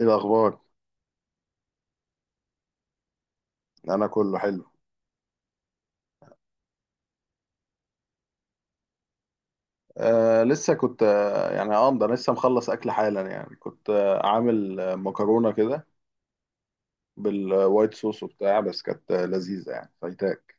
ايه الاخبار؟ انا كله حلو. لسه كنت ده أنا لسه مخلص اكل حالا، يعني كنت عامل مكرونه كده بالوايت صوص وبتاع، بس كانت لذيذه يعني، فايتاك.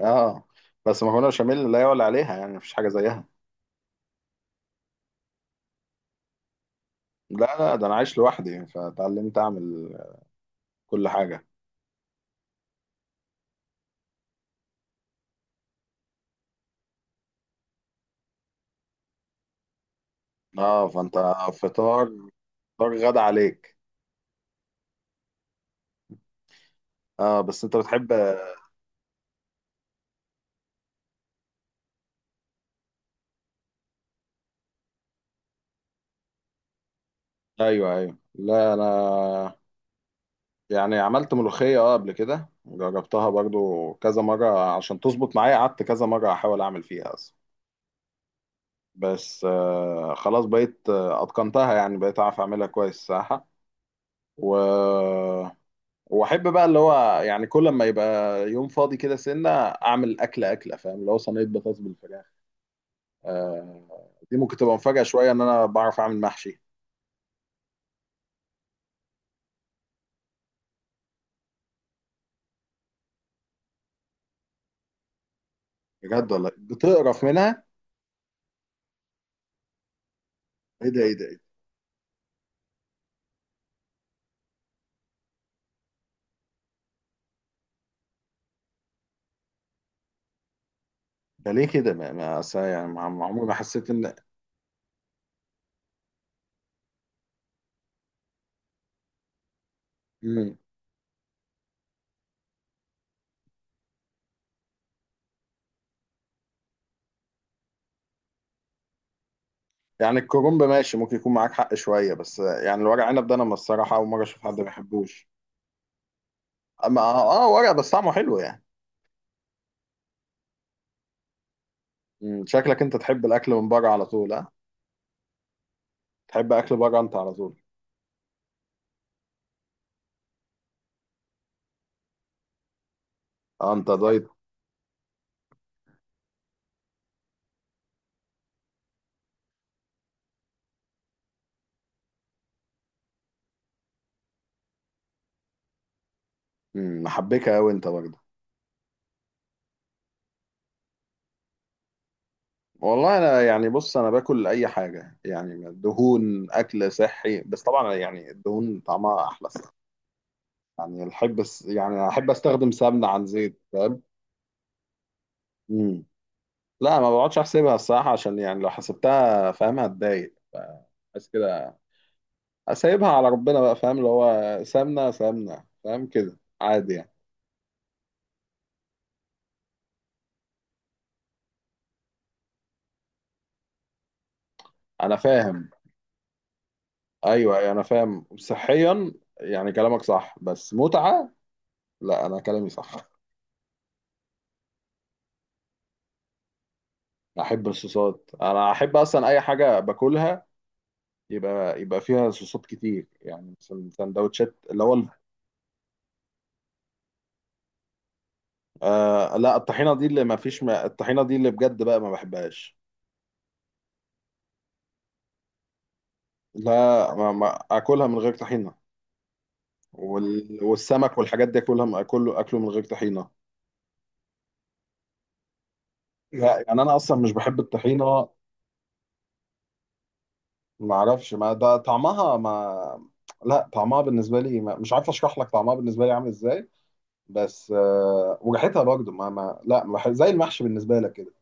اه بس مكرونه بشاميل لا يعلى عليها، يعني مفيش حاجه زيها. لا، لا، ده انا عايش لوحدي، فتعلمت اعمل كل حاجه. اه، فانت. فطار، فطار غدا عليك. اه بس انت بتحب. ايوه، ايوه، لا، انا. يعني عملت ملوخية قبل كده، جربتها برضو كذا مرة عشان تظبط معايا، قعدت كذا مرة أحاول أعمل فيها أصلا. بس خلاص بقيت أتقنتها، يعني بقيت أعرف أعملها كويس الصراحة. و... وأحب بقى اللي هو، يعني كل ما يبقى يوم فاضي كده سنة، أعمل أكلة أكلة، فاهم، اللي هو صينية بطاطس بالفراخ. دي ممكن تبقى مفاجأة شوية إن أنا بعرف أعمل محشي. بجد والله؟ بتقرف منها؟ إيه ده؟ إيه ده؟ إيه ده؟ ده ليه كده؟ أصل يعني، ما عمري ما حسيت إن. مم. يعني الكرنب ماشي، ممكن يكون معاك حق شويه، بس يعني الورق عنب ده انا الصراحه اول مره اشوف حد ما يحبوش. اما ورق، بس طعمه حلو يعني. شكلك انت تحب الاكل من بره على طول، ها؟ تحب اكل بره انت على طول؟ اه، انت دايت؟ محبكه قوي انت برضه؟ والله انا يعني، بص، انا باكل اي حاجه، يعني دهون اكل صحي، بس طبعا يعني الدهون طعمها احلى الصراحة. يعني احب، استخدم سمنه عن زيت، فاهم؟ مم. لا، ما بقعدش احسبها الصراحه، عشان يعني لو حسبتها، فاهم، هتضايق. بس كده. اسيبها على ربنا بقى، فاهم، اللي هو سمنه سمنه، فاهم، كده عادي يعني. انا فاهم. ايوه، أيوة، انا فاهم صحيا. يعني كلامك صح، بس متعه. لا، انا كلامي صح. احب الصوصات، انا احب اصلا اي حاجه باكلها يبقى، فيها صوصات كتير، يعني مثلا سندوتشات اللي هو. لا، الطحينه دي اللي ما فيش، ما الطحينه دي اللي بجد بقى ما بحبهاش. لا، ما اكلها من غير طحينه. والسمك والحاجات دي اكلها، اكله اكله، من غير طحينه. لا، يعني انا اصلا مش بحب الطحينه. ما اعرفش، ما ده طعمها ما. لا، طعمها بالنسبه لي ما... مش عارف اشرح لك طعمها بالنسبه لي عامل ازاي. بس وريحتها برضه ما... ما لا، ما بحب، زي المحشي بالنسبه لك كده.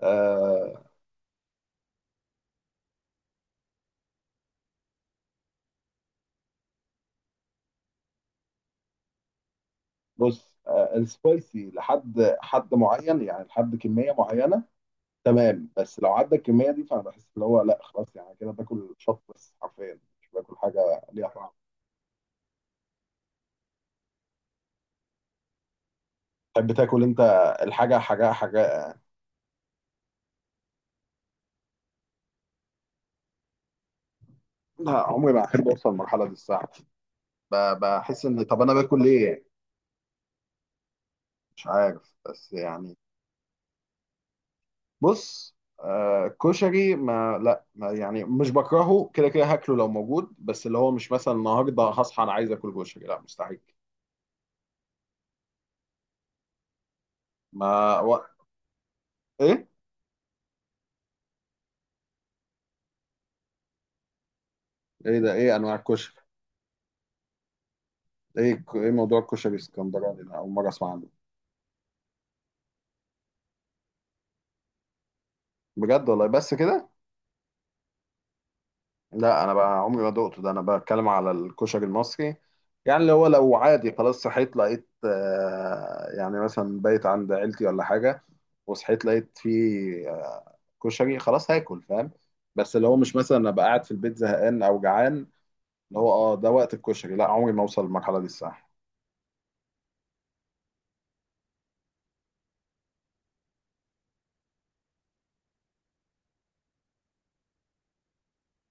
آه... بص، السبايسي لحد حد معين، يعني لحد كميه معينه، تمام. بس لو عدى الكميه دي، فانا بحس اللي هو لا خلاص، يعني كده باكل شط، بس حرفيا مش باكل حاجه ليها طعم. تحب تاكل انت الحاجه، حاجه، حاجه؟ لا، عمري ما احب اوصل للمرحله دي الصراحه. بحس ان طب انا باكل ليه؟ مش عارف، بس يعني. بص، كشري، ما لا، ما يعني مش بكرهه، كده كده هاكله لو موجود، بس اللي هو مش مثلا النهارده هصحى انا عايز اكل كشري، لا مستحيل. ما و... ايه؟ ايه ده؟ ايه انواع الكشري؟ ايه موضوع الكشري الاسكندراني ده؟ اول مره اسمع عنه. بجد والله؟ بس كده؟ لا، انا بقى عمري ما دقته، ده انا بتكلم على الكشري المصري. يعني اللي هو لو عادي خلاص صحيت لقيت، يعني مثلا بايت عند عيلتي ولا حاجة، وصحيت لقيت فيه، كشري، خلاص هاكل، فاهم. بس اللي هو مش مثلا ابقى قاعد في البيت زهقان او جعان، اللي هو ده وقت الكشري، لا عمري ما اوصل للمرحلة دي الصح.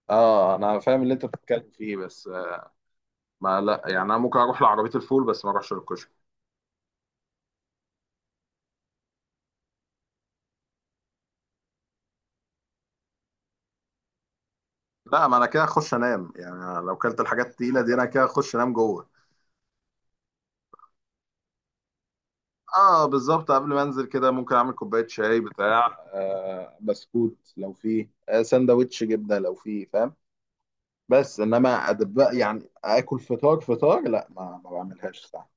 اه، انا فاهم اللي انت بتتكلم فيه، بس ما لا، يعني انا ممكن اروح لعربية الفول، بس ما اروحش للكشري. لا، ما انا كده اخش انام، يعني أنا لو كلت الحاجات التقيله دي، انا كده اخش انام جوه. اه بالظبط، قبل ما انزل كده ممكن اعمل كوبايه شاي بتاع، بسكوت لو فيه، سندوتش جبنه لو فيه، فاهم. بس انما ادب، يعني اكل فطار، فطار لا، ما بعملهاش صح.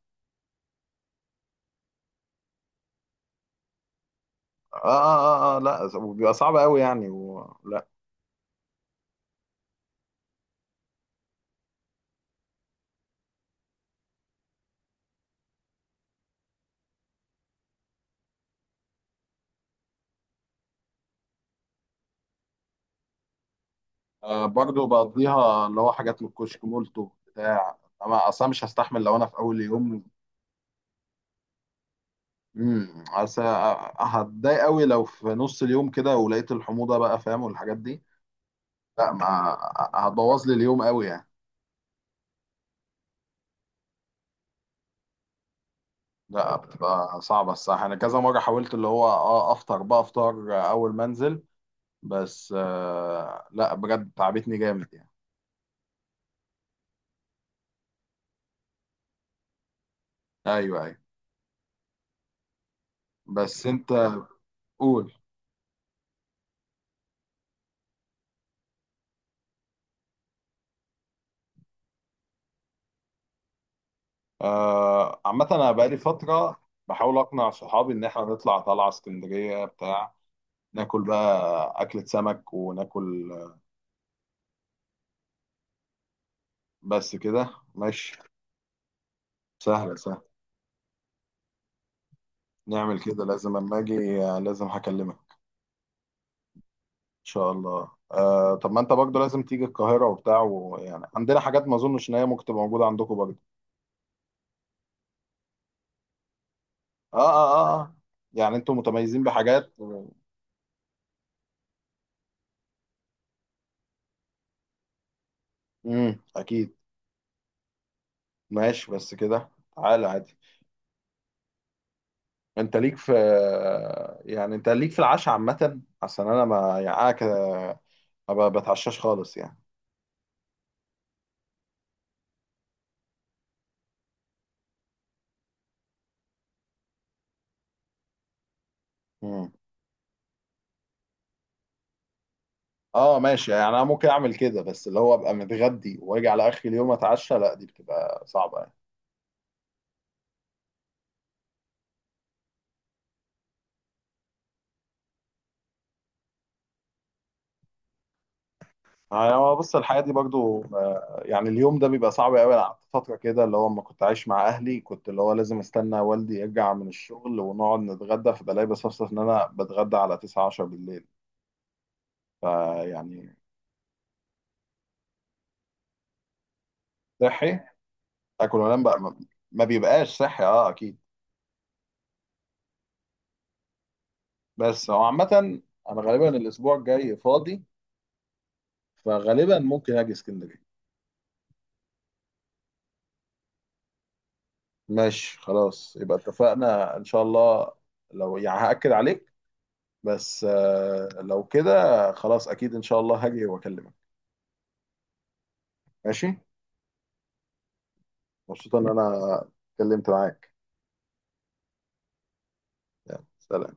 آه، اه، اه، اه، لا، بيبقى صعب قوي يعني، ولا؟ برضه بقضيها، اللي هو حاجات من الكشك مولتو بتاع. انا اصلا مش هستحمل، لو انا في اول يوم. اصل. هتضايق قوي لو في نص اليوم كده، ولقيت الحموضه بقى، فاهم، والحاجات دي. لا، ما. هتبوظ لي اليوم قوي يعني. لا بتبقى صعبه الصراحه، انا كذا مره حاولت اللي هو افطر بقى، افطار اول ما انزل، بس لا بجد تعبتني جامد يعني. ايوه، ايوه، بس انت. قول. عامه، انا بقالي فتره بحاول اقنع صحابي ان احنا نطلع طلعه اسكندريه بتاع، ناكل بقى اكله سمك وناكل. بس كده. ماشي. سهلة سهلة. نعمل كده، لازم اما اجي، لازم هكلمك. ان شاء الله. طب ما انت برضه لازم تيجي القاهرة وبتاع، ويعني عندنا حاجات ما اظنش ان هي ممكن تبقى موجودة عندكم برضه. اه، اه، اه، آه. يعني انتوا متميزين بحاجات. اكيد. ماشي، بس كده. تعالى عادي. انت ليك في. يعني انت ليك في العشاء عامة، عشان انا ما يعني انا كده، ما بتعشاش خالص يعني. امم. اه ماشي، يعني انا ممكن اعمل كده، بس اللي هو ابقى متغدي واجي على اخر اليوم اتعشى، لا دي بتبقى صعبة يعني. يعني هو بص، الحياة دي برضو يعني اليوم ده بيبقى صعب قوي، انا قعدت فترة كده اللي هو لما كنت عايش مع اهلي، كنت اللي هو لازم استنى والدي يرجع من الشغل ونقعد نتغدى، فبلاقي بصفصف ان انا بتغدى على 9 10 بالليل. فيعني. صحي، اكل وانام بقى، ما. ما بيبقاش صحي، اه اكيد. بس هو عامة، انا غالبا الاسبوع الجاي فاضي، فغالبا ممكن اجي اسكندرية. ماشي، خلاص يبقى اتفقنا ان شاء الله. لو يعني هأكد عليك، بس لو كده، خلاص اكيد ان شاء الله هاجي واكلمك. ماشي. مبسوط ان انا اتكلمت معاك. يلا سلام.